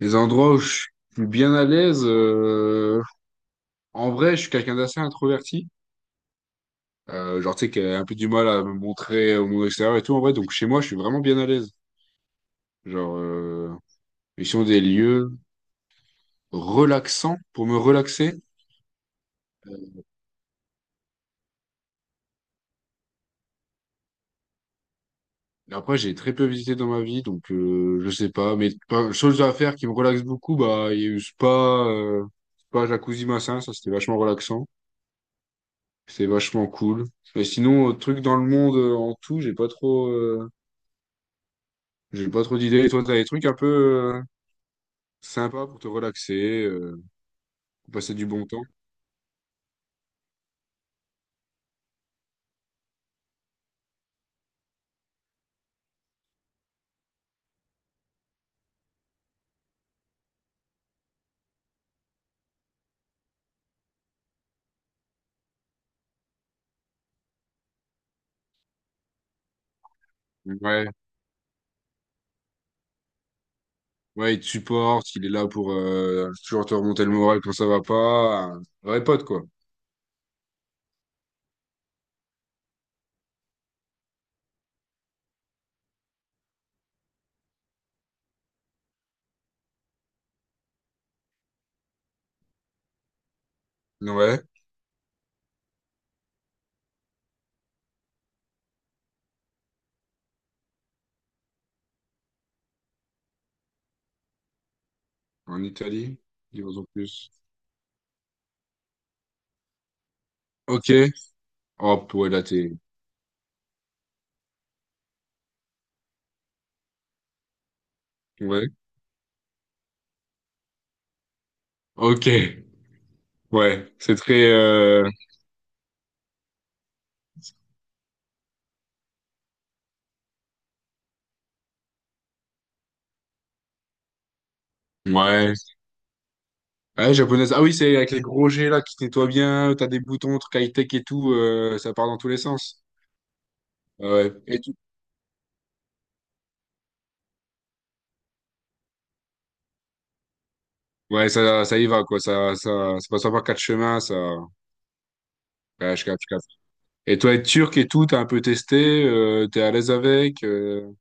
Les endroits où je suis bien à l'aise, en vrai, je suis quelqu'un d'assez introverti. Genre, tu sais, qui a un peu du mal à me montrer au monde extérieur et tout. En vrai, donc chez moi, je suis vraiment bien à l'aise. Genre, euh, Ils sont des lieux relaxants pour me relaxer. Et après, j'ai très peu visité dans ma vie, donc je sais pas. Mais pas, chose à faire qui me relaxe beaucoup, bah, il y a eu spa, spa Jacuzzi Massin, ça c'était vachement relaxant. C'était vachement cool. Mais sinon, truc dans le monde en tout, j'ai pas trop. J'ai pas trop d'idées. Et toi, t'as des trucs un peu sympas pour te relaxer, pour passer du bon temps. Ouais, ouais, il te supporte, il est là pour toujours te remonter le moral quand ça va pas. Un vrai pote, quoi. Ouais, en Italie, dis-moi en plus. Ok. Hop, ouais, là, t'es... Ouais. Ok. Ouais, c'est très... Ouais. Ouais, japonaise. Ah oui, c'est avec les gros G, là, qui nettoient bien, t'as des boutons, trucs high-tech et tout, ça part dans tous les sens. Ah ouais. Et ouais, ça y va, quoi. Ça passe pas par quatre chemins, ça. Ouais, je capte, je capte. Et toi, être turc et tout, t'as un peu testé, t'es à l'aise avec,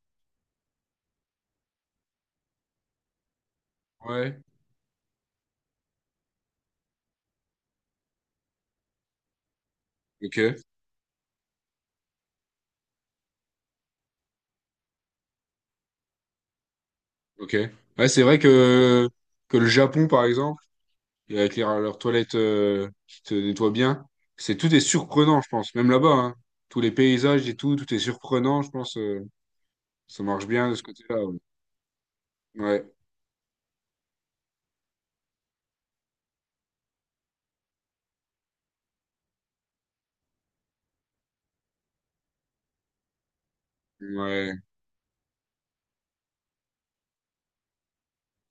ouais. Ok, ok. Ouais, c'est vrai que le Japon, par exemple, et avec leurs toilettes, qui te nettoient bien, c'est, tout est surprenant, je pense. Même là-bas, hein. Tous les paysages et tout, tout est surprenant, je pense. Ça marche bien de ce côté-là, ouais. Ouais. Ouais.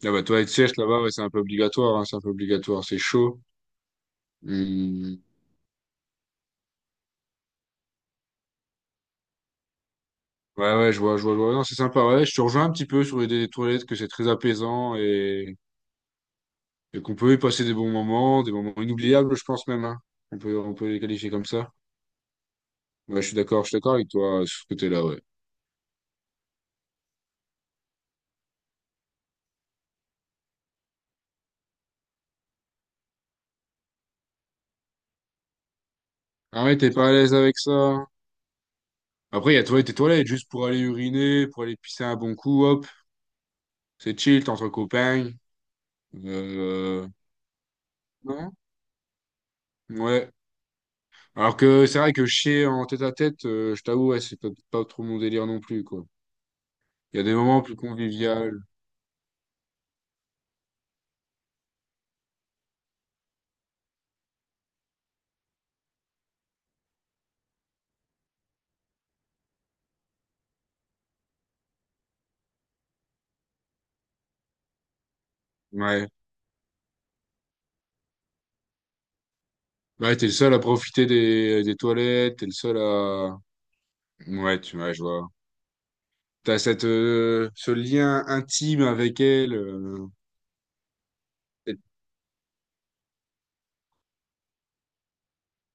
Ah bah, toilettes sèches, là-bas, ouais, c'est un peu obligatoire, hein, c'est un peu obligatoire. C'est chaud. Hmm. Ouais, ouais, je vois, je vois, je vois. Non, c'est sympa, ouais. Je te rejoins un petit peu sur l'idée des toilettes, que c'est très apaisant et qu'on peut y passer des bons moments, des moments inoubliables, je pense même, hein. On peut les qualifier comme ça. Ouais, je suis d'accord avec toi sur ce côté-là, ouais. Ah ouais, t'es pas à l'aise avec ça. Après, il y a toilettes et toilettes, juste pour aller uriner, pour aller pisser un bon coup, hop. C'est chill, t'es entre copains. Euh, euh, non? Ouais. Alors que c'est vrai que chier en tête à tête, je t'avoue, ouais, c'est pas pas trop mon délire non plus, quoi. Il y a des moments plus conviviaux. Ouais. Ouais, t'es le seul à profiter des toilettes, t'es le seul à... Ouais, tu vois, je vois. T'as cette, ce lien intime avec elle. et-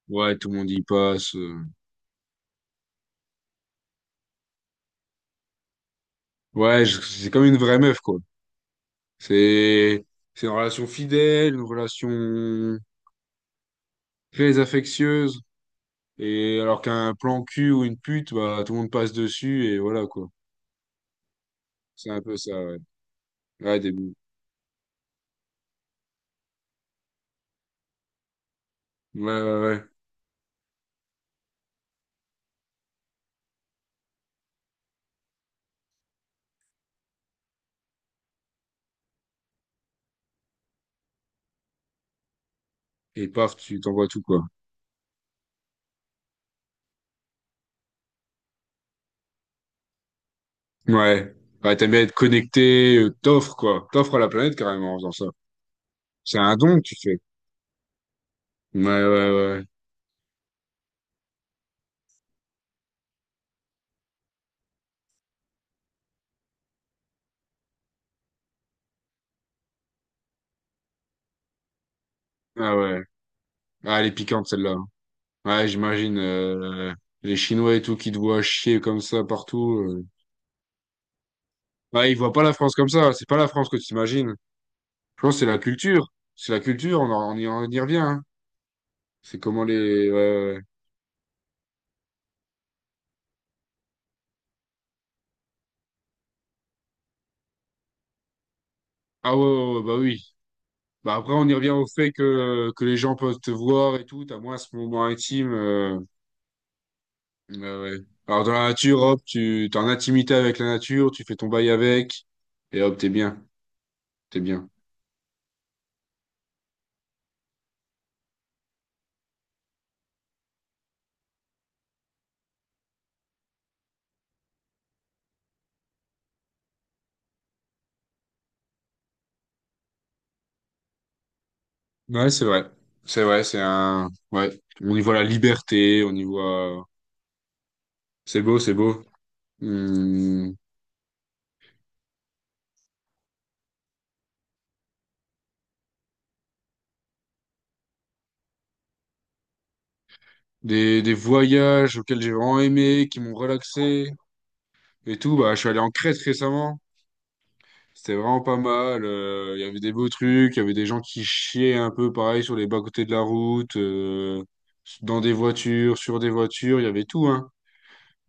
Ouais, tout le monde y passe. Ouais, je- c'est comme une vraie meuf, quoi. C'est, c'est une relation fidèle, une relation très affectueuse. Et alors qu'un plan cul ou une pute, bah, tout le monde passe dessus et voilà, quoi. C'est un peu ça, ouais. Ouais, des... Ouais, ouais, ouais. Et paf, tu t'envoies tout, quoi. Ouais, ouais, t'aimes bien être connecté, t'offres quoi, t'offres à la planète carrément en faisant ça. C'est un don que tu fais. Ouais, ouais, ouais. Ah ouais. Ah, elle est piquante celle-là. Ouais, j'imagine les Chinois et tout qui te voient chier comme ça partout. Ouais, ils voient pas la France comme ça. C'est pas la France que tu imagines. Je pense que c'est la culture. C'est la culture. On y, on y revient, hein. C'est comment les. Ouais, ouais, ouais. Ah ouais, ouais, ouais, bah oui. Bah après, on y revient au fait que les gens peuvent te voir et tout. T'as moins ce moment intime. Ouais, ouais. Alors, dans la nature, hop, tu t'es en intimité avec la nature, tu fais ton bail avec, et hop, t'es bien, t'es bien. Ouais, c'est vrai. C'est vrai, c'est un... Ouais. On y voit la liberté, on y voit... C'est beau, c'est beau. Hmm. Des voyages auxquels j'ai vraiment aimé, qui m'ont relaxé, et tout. Bah, je suis allé en Crète récemment. C'était vraiment pas mal. Il y avait des beaux trucs, il y avait des gens qui chiaient un peu, pareil, sur les bas-côtés de la route, dans des voitures, sur des voitures, il y avait tout, hein.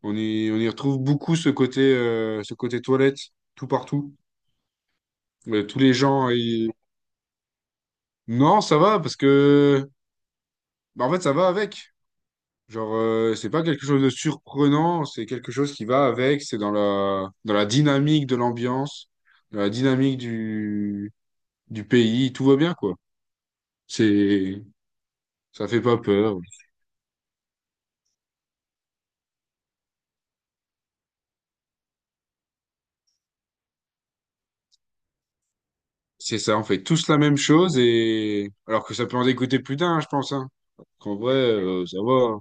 On y retrouve beaucoup ce côté toilette, tout partout. Tous les gens. Non, ça va, parce que, bah, en fait, ça va avec. Genre, c'est pas quelque chose de surprenant, c'est quelque chose qui va avec. C'est dans la dynamique de l'ambiance, dans la dynamique du pays. Tout va bien, quoi. C'est, ça fait pas peur. C'est ça, on fait tous la même chose et. Alors que ça peut en dégoûter plus d'un, hein, je pense, hein. Qu'en vrai, ça va.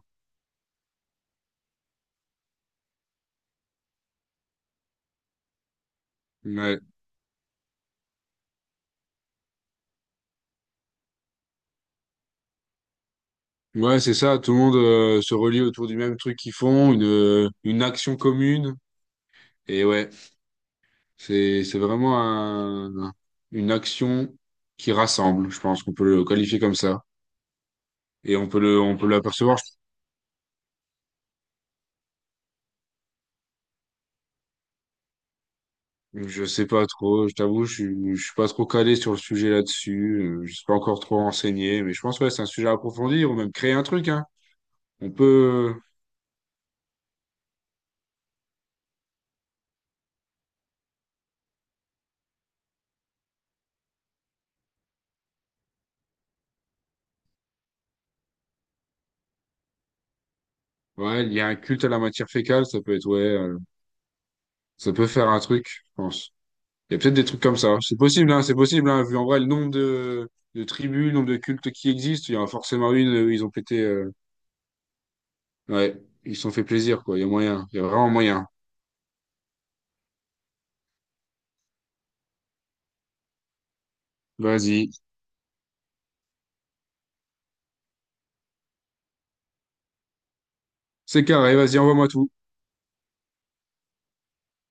Ouais. Ouais, c'est ça, tout le monde se relie autour du même truc qu'ils font, une action commune. Et ouais, c'est vraiment une action qui rassemble, je pense qu'on peut le qualifier comme ça. Et on peut le on peut l'apercevoir, je sais pas trop, je t'avoue, je suis pas trop calé sur le sujet là-dessus, je suis pas encore trop renseigné, mais je pense ouais, c'est un sujet à approfondir ou même créer un truc, hein. On peut ouais, il y a un culte à la matière fécale, ça peut être ouais, ça peut faire un truc, je pense. Il y a peut-être des trucs comme ça. C'est possible, hein, vu en vrai le nombre de tribus, le nombre de cultes qui existent, il y en a forcément une où ils ont pété. Ouais, ils se sont fait plaisir, quoi. Il y a moyen. Il y a vraiment moyen. Vas-y. C'est carré, vas-y, envoie-moi tout.